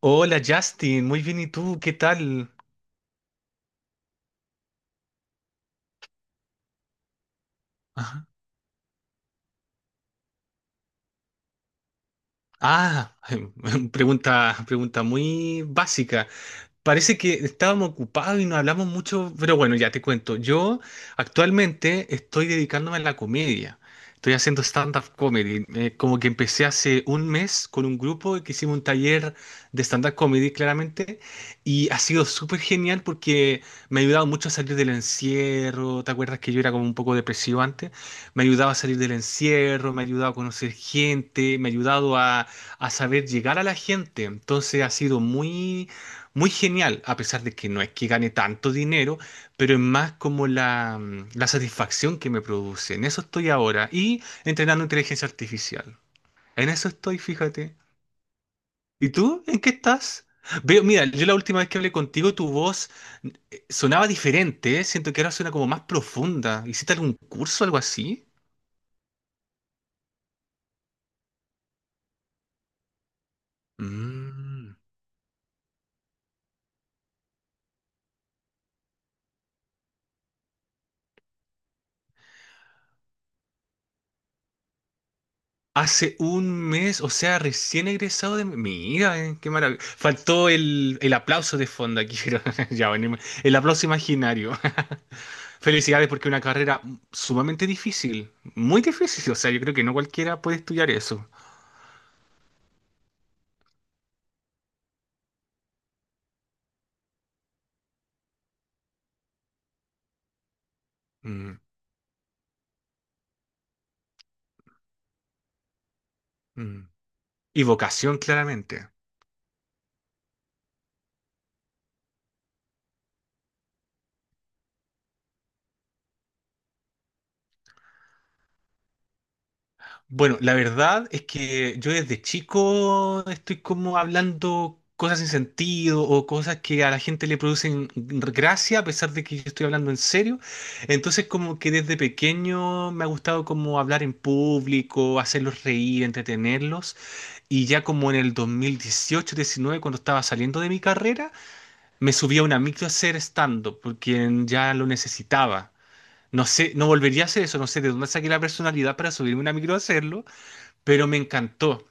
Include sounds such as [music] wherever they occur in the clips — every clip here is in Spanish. Hola Justin, muy bien, ¿y tú? ¿Qué tal? Ajá. Ah, [laughs] pregunta muy básica. Parece que estábamos ocupados y no hablamos mucho, pero bueno, ya te cuento. Yo actualmente estoy dedicándome a la comedia. Estoy haciendo stand-up comedy. Como que empecé hace un mes con un grupo que hicimos un taller de stand-up comedy, claramente, y ha sido súper genial porque me ha ayudado mucho a salir del encierro. ¿Te acuerdas que yo era como un poco depresivo antes? Me ha ayudado a salir del encierro, me ha ayudado a conocer gente, me ha ayudado a saber llegar a la gente. Entonces ha sido muy genial, a pesar de que no es que gane tanto dinero, pero es más como la satisfacción que me produce. En eso estoy ahora. Y entrenando inteligencia artificial. En eso estoy, fíjate. ¿Y tú? ¿En qué estás? Veo, mira, yo la última vez que hablé contigo, tu voz sonaba diferente, ¿eh? Siento que ahora suena como más profunda. ¿Hiciste algún curso o algo así? Mm. Hace un mes, o sea, recién egresado de... Mira, qué maravilla. Faltó el aplauso de fondo aquí, [laughs] pero ya venimos. El aplauso imaginario. [laughs] Felicidades porque es una carrera sumamente difícil, muy difícil. O sea, yo creo que no cualquiera puede estudiar eso. Mm, mm. Y vocación, claramente. Bueno, la verdad es que yo desde chico estoy como hablando cosas sin sentido o cosas que a la gente le producen gracia a pesar de que yo estoy hablando en serio. Entonces como que desde pequeño me ha gustado como hablar en público, hacerlos reír, entretenerlos. Y ya como en el 2018-19, cuando estaba saliendo de mi carrera, me subí a una micro a hacer stand-up porque ya lo necesitaba. No sé, no volvería a hacer eso, no sé de dónde saqué la personalidad para subirme a una micro a hacerlo, pero me encantó.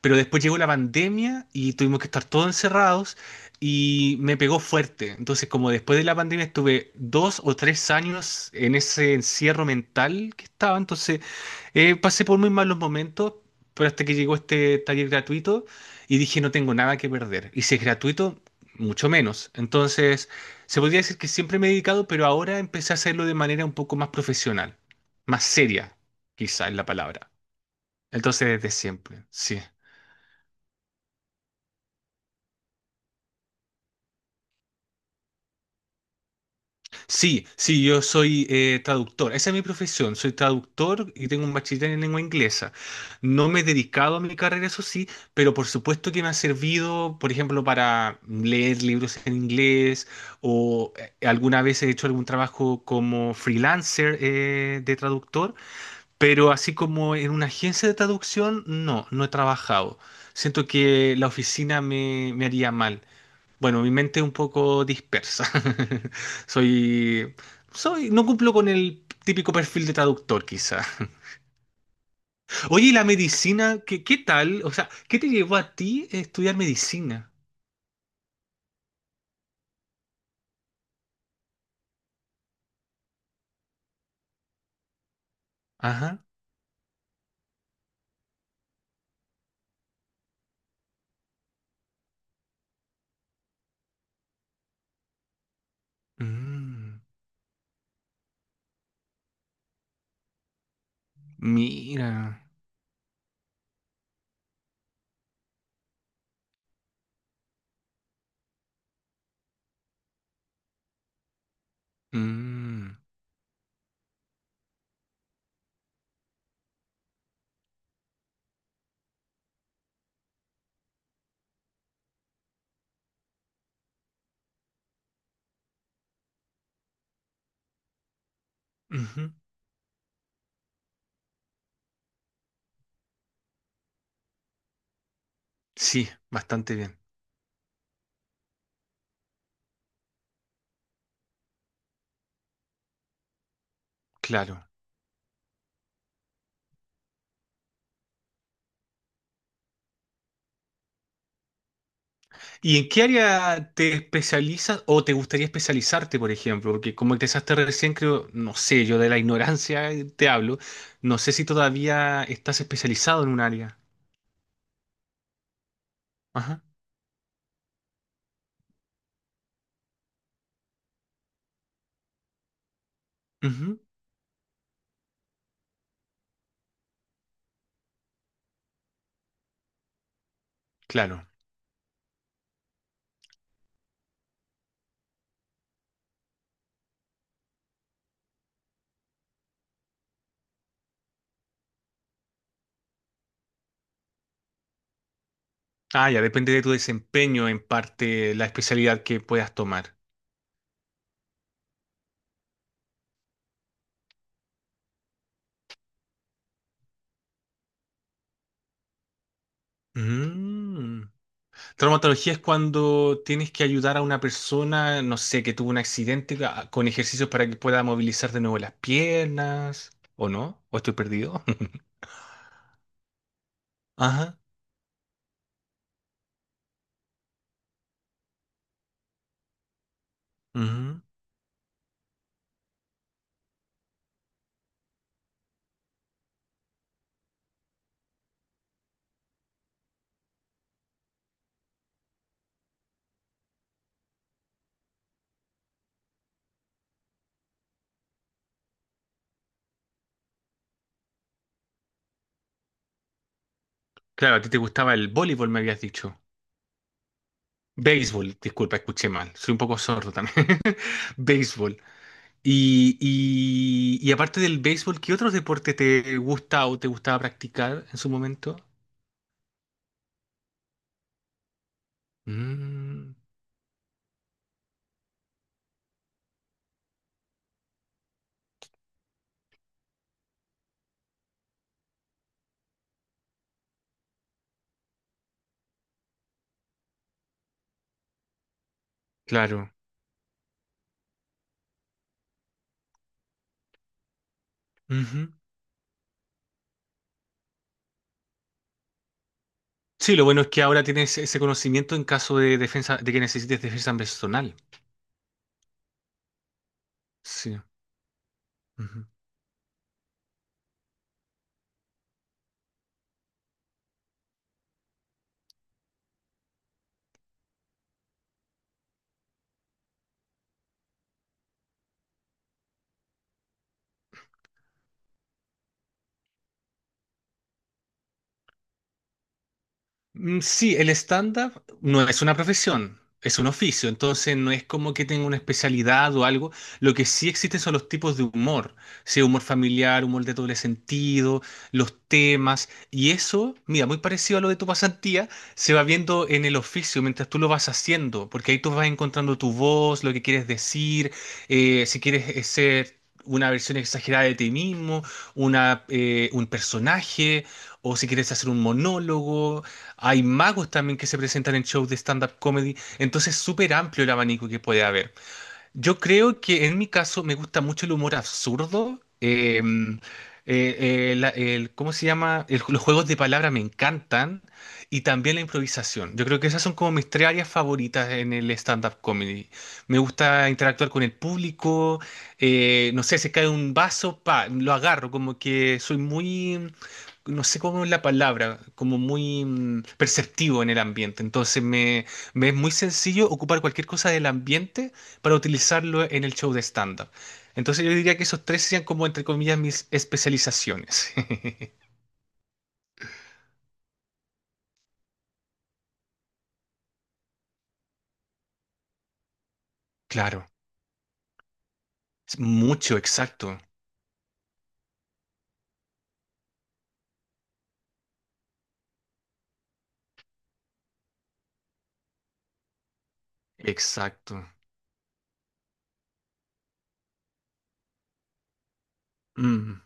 Pero después llegó la pandemia y tuvimos que estar todos encerrados y me pegó fuerte. Entonces, como después de la pandemia estuve dos o tres años en ese encierro mental que estaba, entonces pasé por muy malos momentos, pero hasta que llegó este taller gratuito y dije no tengo nada que perder. Y si es gratuito, mucho menos. Entonces, se podría decir que siempre me he dedicado, pero ahora empecé a hacerlo de manera un poco más profesional, más seria, quizá es la palabra. Entonces, desde siempre, sí. Sí, sí, yo soy traductor. Esa es mi profesión. Soy traductor y tengo un bachiller en lengua inglesa. No me he dedicado a mi carrera, eso sí, pero por supuesto que me ha servido, por ejemplo, para leer libros en inglés o alguna vez he hecho algún trabajo como freelancer de traductor, pero así como en una agencia de traducción, no, no he trabajado. Siento que la oficina me haría mal. Bueno, mi mente es un poco dispersa. [laughs] Soy, soy, no cumplo con el típico perfil de traductor, quizá. Oye, ¿y la medicina? ¿ qué tal? O sea, ¿qué te llevó a ti a estudiar medicina? Ajá. Mm, mira. Mm, ujú. Sí, bastante bien. Claro. ¿Y en qué área te especializas o te gustaría especializarte, por ejemplo? Porque como empezaste recién, creo, no sé, yo de la ignorancia te hablo, no sé si todavía estás especializado en un área. Ajá. Ujú. Claro. Ah, ya depende de tu desempeño, en parte, la especialidad que puedas tomar. Mm. Traumatología es cuando tienes que ayudar a una persona, no sé, que tuvo un accidente con ejercicios para que pueda movilizar de nuevo las piernas, ¿o no? ¿O estoy perdido? [laughs] Ajá. Ujú. Claro, a ti te gustaba el voleibol, me habías dicho. Béisbol, disculpa, escuché mal. Soy un poco sordo también. [laughs] Béisbol. Y aparte del béisbol, ¿qué otros deportes te gusta o te gustaba practicar en su momento? Mm, claro. Ujú. Sí, lo bueno es que ahora tienes ese conocimiento en caso de defensa, de que necesites defensa personal. Sí. Ujú. Mm, sí, el stand-up no es una profesión, es un oficio, entonces no es como que tenga una especialidad o algo. Lo que sí existen son los tipos de humor, sí, humor familiar, humor de doble sentido, los temas, y eso, mira, muy parecido a lo de tu pasantía, se va viendo en el oficio mientras tú lo vas haciendo, porque ahí tú vas encontrando tu voz, lo que quieres decir, si quieres ser una versión exagerada de ti mismo, un personaje, o si quieres hacer un monólogo. Hay magos también que se presentan en shows de stand-up comedy. Entonces es súper amplio el abanico que puede haber. Yo creo que en mi caso me gusta mucho el humor absurdo. ¿Cómo se llama? Los juegos de palabra me encantan. Y también la improvisación. Yo creo que esas son como mis tres áreas favoritas en el stand-up comedy. Me gusta interactuar con el público. No sé, se cae un vaso, pa, lo agarro. Como que soy muy, no sé cómo es la palabra, como muy perceptivo en el ambiente. Me es muy sencillo ocupar cualquier cosa del ambiente para utilizarlo en el show de stand-up. Entonces yo diría que esos tres serían como, entre comillas, mis especializaciones. [laughs] Claro, es mucho, exacto. Mm.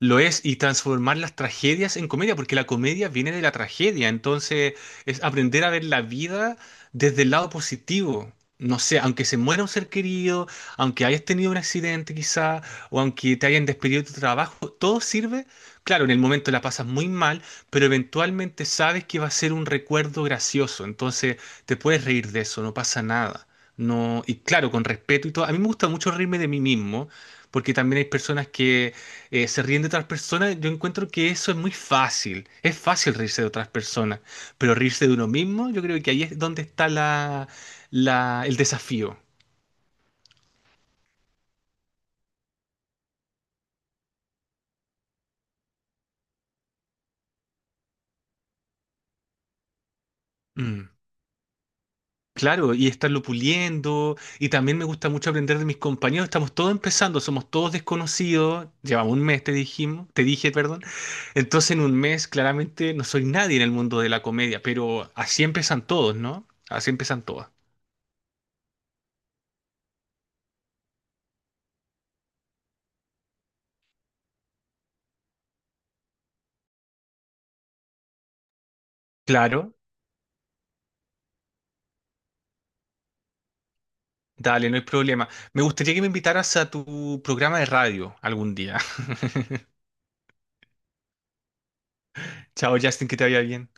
Lo es, y transformar las tragedias en comedia, porque la comedia viene de la tragedia, entonces es aprender a ver la vida desde el lado positivo. No sé, aunque se muera un ser querido, aunque hayas tenido un accidente quizá, o aunque te hayan despedido de tu trabajo, todo sirve. Claro, en el momento la pasas muy mal, pero eventualmente sabes que va a ser un recuerdo gracioso, entonces te puedes reír de eso, no pasa nada. No, y claro, con respeto y todo. A mí me gusta mucho reírme de mí mismo, porque también hay personas que se ríen de otras personas, yo encuentro que eso es muy fácil. Es fácil reírse de otras personas, pero reírse de uno mismo, yo creo que ahí es donde está el desafío. Mm. Claro, y estarlo puliendo, y también me gusta mucho aprender de mis compañeros. Estamos todos empezando, somos todos desconocidos. Llevamos un mes, te dijimos, te dije, perdón. Entonces, en un mes, claramente no soy nadie en el mundo de la comedia, pero así empiezan todos, ¿no? Así empiezan todas. Claro. Dale, no hay problema. Me gustaría que me invitaras a tu programa de radio algún día. [laughs] Chao, Justin, que te vaya bien.